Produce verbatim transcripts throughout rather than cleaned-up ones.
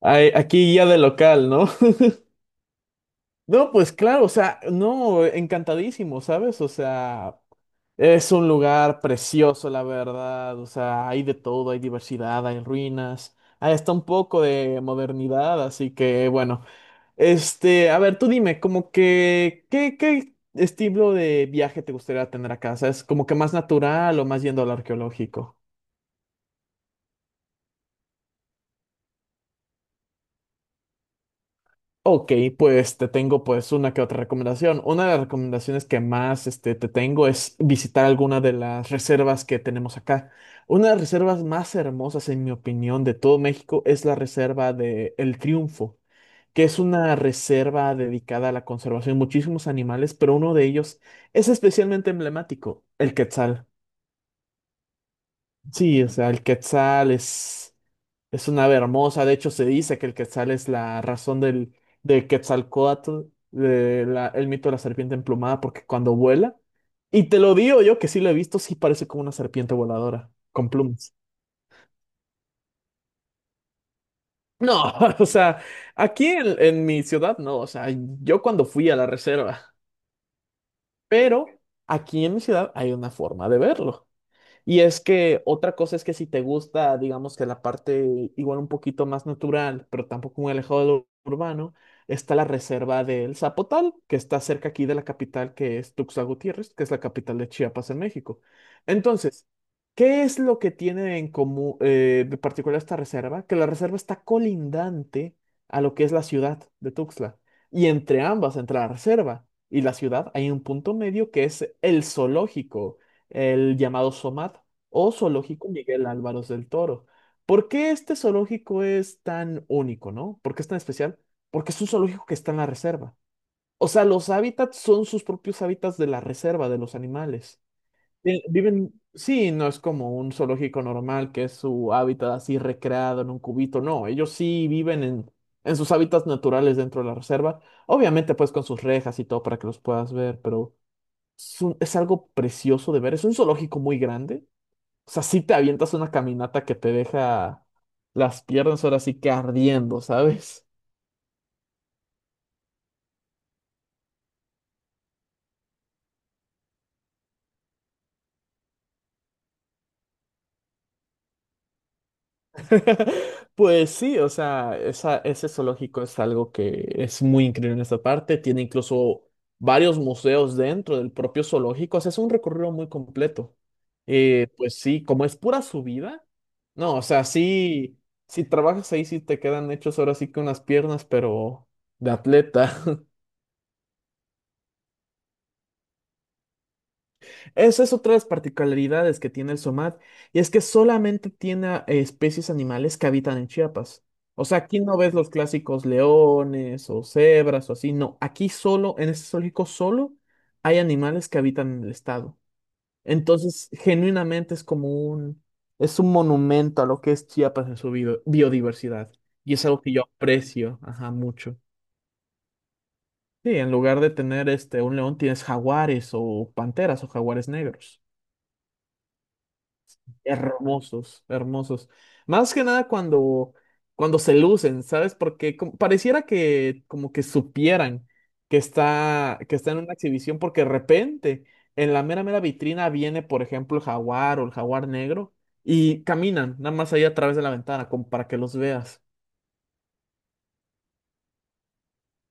Ay, aquí guía de local, ¿no? No, pues claro, o sea, no, encantadísimo, ¿sabes? O sea, es un lugar precioso, la verdad. O sea, hay de todo, hay diversidad, hay ruinas. Ahí está un poco de modernidad, así que bueno. Este, a ver, tú dime, como que, ¿qué, qué estilo de viaje te gustaría tener acá? Es como que más natural o más yendo al arqueológico. Ok, pues te tengo pues una que otra recomendación. Una de las recomendaciones que más este, te tengo es visitar alguna de las reservas que tenemos acá. Una de las reservas más hermosas, en mi opinión, de todo México es la reserva de El Triunfo, que es una reserva dedicada a la conservación de muchísimos animales, pero uno de ellos es especialmente emblemático, el quetzal. Sí, o sea, el quetzal es... Es una ave hermosa. De hecho, se dice que el quetzal es la razón del, de Quetzalcóatl, de la- el mito de la serpiente emplumada, porque cuando vuela, y te lo digo yo que sí lo he visto, sí parece como una serpiente voladora, con plumas. No, o sea, aquí en, en mi ciudad no, o sea, yo cuando fui a la reserva, pero aquí en mi ciudad hay una forma de verlo. Y es que otra cosa es que si te gusta, digamos que la parte igual un poquito más natural, pero tampoco muy alejado de lo urbano, está la reserva del Zapotal, que está cerca aquí de la capital, que es Tuxtla Gutiérrez, que es la capital de Chiapas en México. Entonces, ¿qué es lo que tiene en común, eh, de particular esta reserva? Que la reserva está colindante a lo que es la ciudad de Tuxtla. Y entre ambas, entre la reserva y la ciudad, hay un punto medio que es el zoológico, el llamado SOMAT o Zoológico Miguel Álvarez del Toro. ¿Por qué este zoológico es tan único, no? ¿Por qué es tan especial? Porque es un zoológico que está en la reserva. O sea, los hábitats son sus propios hábitats de la reserva de los animales. Vi- Viven, sí, no es como un zoológico normal que es su hábitat así recreado en un cubito. No, ellos sí viven en, en sus hábitats naturales dentro de la reserva, obviamente pues con sus rejas y todo para que los puedas ver, pero es, un- es algo precioso de ver. Es un zoológico muy grande. O sea, sí te avientas una caminata que te deja las piernas ahora sí que ardiendo, ¿sabes? Pues sí, o sea, esa- ese zoológico es algo que es muy increíble en esta parte. Tiene incluso varios museos dentro del propio zoológico. O sea, es un recorrido muy completo. Eh, pues sí, como es pura subida, no, o sea, sí, si trabajas ahí, sí te quedan hechos ahora sí que unas piernas, pero de atleta. Esa es otra de las particularidades que tiene el SOMAT, y es que solamente tiene eh, especies animales que habitan en Chiapas. O sea, aquí no ves los clásicos leones o cebras o así, no. Aquí solo, en este zoológico solo, hay animales que habitan en el estado. Entonces, genuinamente es como un, es un monumento a lo que es Chiapas en su bio- biodiversidad. Y es algo que yo aprecio, ajá, mucho. Sí, en lugar de tener este, un león, tienes jaguares o panteras o jaguares negros. Hermosos, hermosos. Más que nada cuando, cuando se lucen, ¿sabes? Porque como- pareciera que como que supieran que está, que está en una exhibición, porque de repente en la mera mera vitrina viene, por ejemplo, el jaguar o el jaguar negro, y caminan nada más ahí a través de la ventana como para que los veas.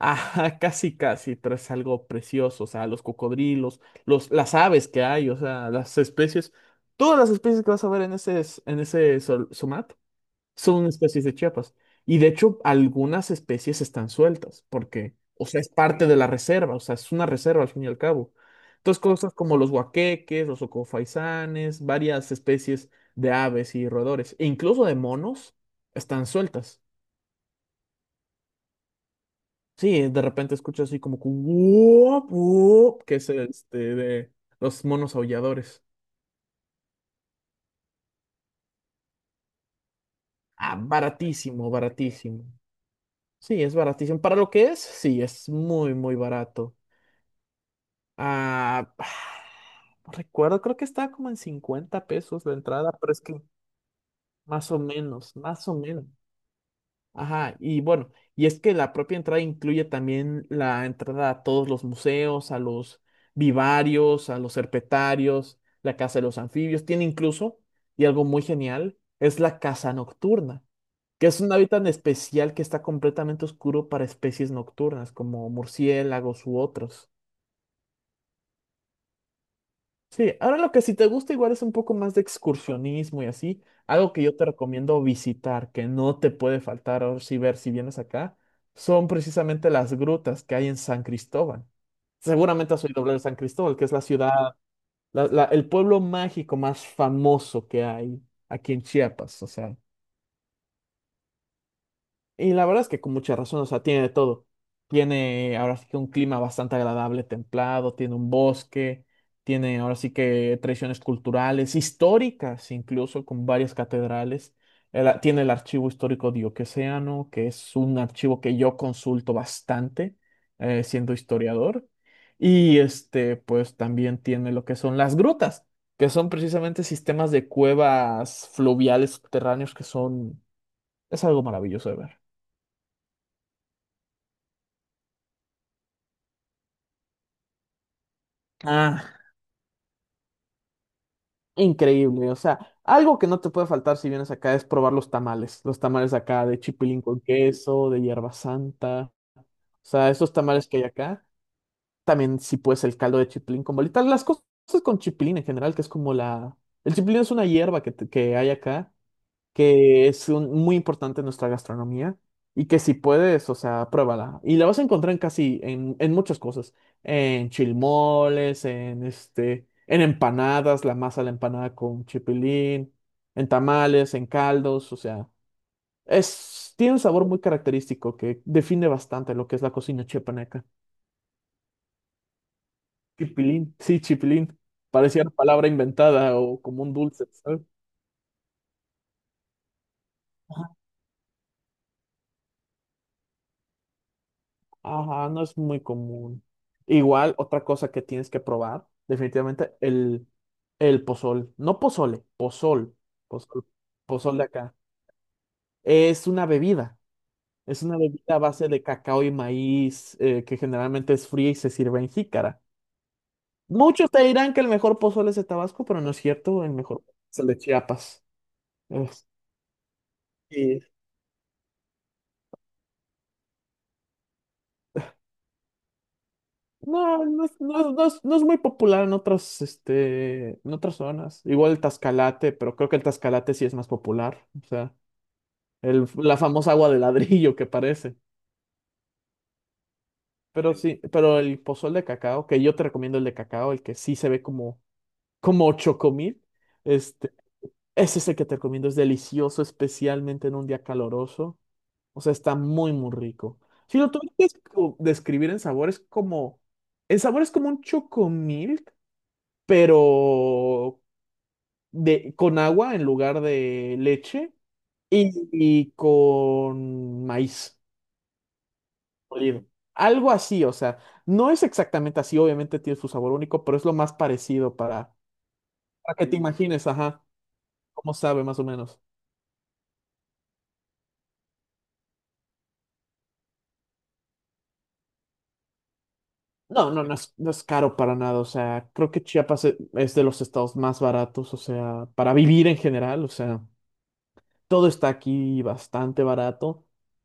Ajá, casi, casi, pero es algo precioso. O sea, los cocodrilos, los, las aves que hay, o sea, las especies, todas las especies que vas a ver en ese, en ese Somat son especies de Chiapas. Y de hecho, algunas especies están sueltas, porque, o sea, es parte de la reserva, o sea, es una reserva al fin y al cabo. Entonces, cosas como los huaqueques, los ocofaisanes, varias especies de aves y roedores, e incluso de monos, están sueltas. Sí, de repente escuchas así como que "Guop, guop", que es este de los monos aulladores. Ah, baratísimo, baratísimo. Sí, es baratísimo. Para lo que es, sí, es muy, muy barato. Ah, no recuerdo, creo que estaba como en cincuenta pesos la entrada, pero es que más o menos, más o menos. Ajá, y bueno, y es que la propia entrada incluye también la entrada a todos los museos, a los vivarios, a los herpetarios, la casa de los anfibios. Tiene incluso, y algo muy genial, es la casa nocturna, que es un hábitat especial que está completamente oscuro para especies nocturnas, como murciélagos u otros. Sí, ahora lo que si te gusta igual es un poco más de excursionismo y así, algo que yo te recomiendo visitar, que no te puede faltar ahora sí ver si vienes acá, son precisamente las grutas que hay en San Cristóbal. Seguramente has oído hablar de San Cristóbal, que es la ciudad, la- la- el pueblo mágico más famoso que hay aquí en Chiapas, o sea. Y la verdad es que con mucha razón, o sea, tiene de todo. Tiene ahora sí que un clima bastante agradable, templado, tiene un bosque, tiene ahora sí que tradiciones culturales, históricas incluso, con varias catedrales. El a- tiene el archivo histórico diocesano, que es un archivo que yo consulto bastante, eh, siendo historiador. Y este, pues también tiene lo que son las grutas, que son precisamente sistemas de cuevas fluviales subterráneos, que son, es algo maravilloso de ver. Ah, increíble. O sea, algo que no te puede faltar si vienes acá es probar los tamales. Los tamales acá de chipilín con queso, de hierba santa. O sea, esos tamales que hay acá. También, si puedes, el caldo de chipilín con bolita. Las cosas con chipilín en general, que es como la. El chipilín es una hierba que, te- que hay acá, que es un- muy importante en nuestra gastronomía, y que, si puedes, o sea, pruébala. Y la vas a encontrar en casi, en, en muchas cosas, en chilmoles, en este, en empanadas, la masa de la empanada con chipilín, en tamales, en caldos, o sea, es, tiene un sabor muy característico que define bastante lo que es la cocina chiapaneca. Chipilín, sí, chipilín. Parecía una palabra inventada o como un dulce, ¿sabes? Ajá, no es muy común. Igual, otra cosa que tienes que probar, definitivamente, el, el, pozol. No pozole, pozol. Pozol, pozol de acá. Es una bebida. Es una bebida a base de cacao y maíz, eh, que generalmente es fría y se sirve en jícara. Muchos te dirán que el mejor pozole es de Tabasco, pero no es cierto. El mejor es el de Chiapas. Es- No, no, es no es- no es- no es muy popular en otras, este, en otras zonas. Igual el Tascalate, pero creo que el Tascalate sí es más popular. O sea, el, la famosa agua de ladrillo que parece. Pero sí, pero el pozol de cacao, que yo te recomiendo el de cacao, el que sí se ve como, como chocomil, este, ese es el que te recomiendo, es delicioso, especialmente en un día caloroso. O sea, está muy, muy rico. Si lo tuvieras que describir en sabor, es como, el sabor es como un chocomil, pero de, con agua en lugar de leche, y, y con maíz molido. Algo así, o sea, no es exactamente así, obviamente tiene su sabor único, pero es lo más parecido para, para que te imagines, ajá, cómo sabe más o menos. No, no, no es, no es caro para nada, o sea, creo que Chiapas e- es de los estados más baratos, o sea, para vivir en general, o sea. Todo está aquí bastante barato.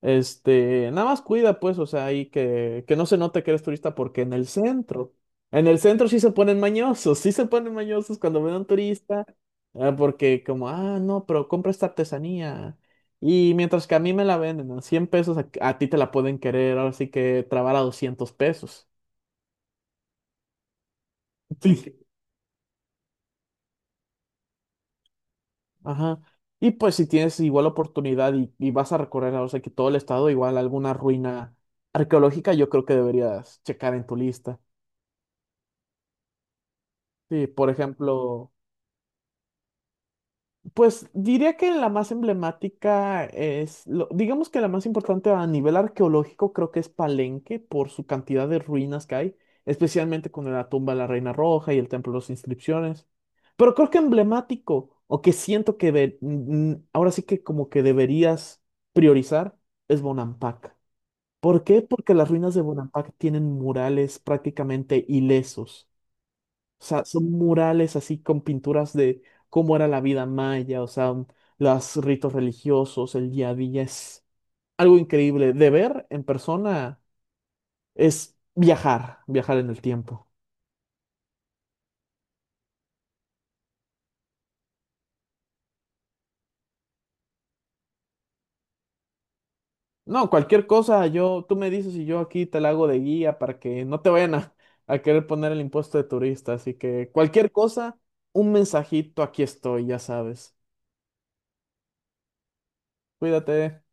Este, nada más cuida, pues, o sea, ahí que, que no se note que eres turista, porque en el centro, en el centro sí se ponen mañosos, sí se ponen mañosos cuando ven a un turista. Ah, porque como, ah, no, pero compra esta artesanía. Y mientras que a mí me la venden a cien pesos, a, a ti te la pueden querer, ahora sí que trabar, a doscientos pesos. Sí. Ajá. Y pues si tienes igual oportunidad, y, y vas a recorrer, o sea, que todo el estado, igual alguna ruina arqueológica, yo creo que deberías checar en tu lista. Sí, por ejemplo. Pues diría que la más emblemática es, lo- digamos que la más importante a nivel arqueológico creo que es Palenque, por su cantidad de ruinas que hay, especialmente con la tumba de la Reina Roja y el Templo de las Inscripciones. Pero creo que emblemático, o que siento que de- mm, ahora sí que como que deberías priorizar, es Bonampak. ¿Por qué? Porque las ruinas de Bonampak tienen murales prácticamente ilesos. O sea, son murales así con pinturas de cómo era la vida maya, o sea, los ritos religiosos, el día a día. Es algo increíble. De ver en persona, es viajar, viajar en el tiempo. No, cualquier cosa, yo, tú me dices y yo aquí te la hago de guía para que no te vayan a, a querer poner el impuesto de turista. Así que cualquier cosa, un mensajito, aquí estoy, ya sabes. Cuídate.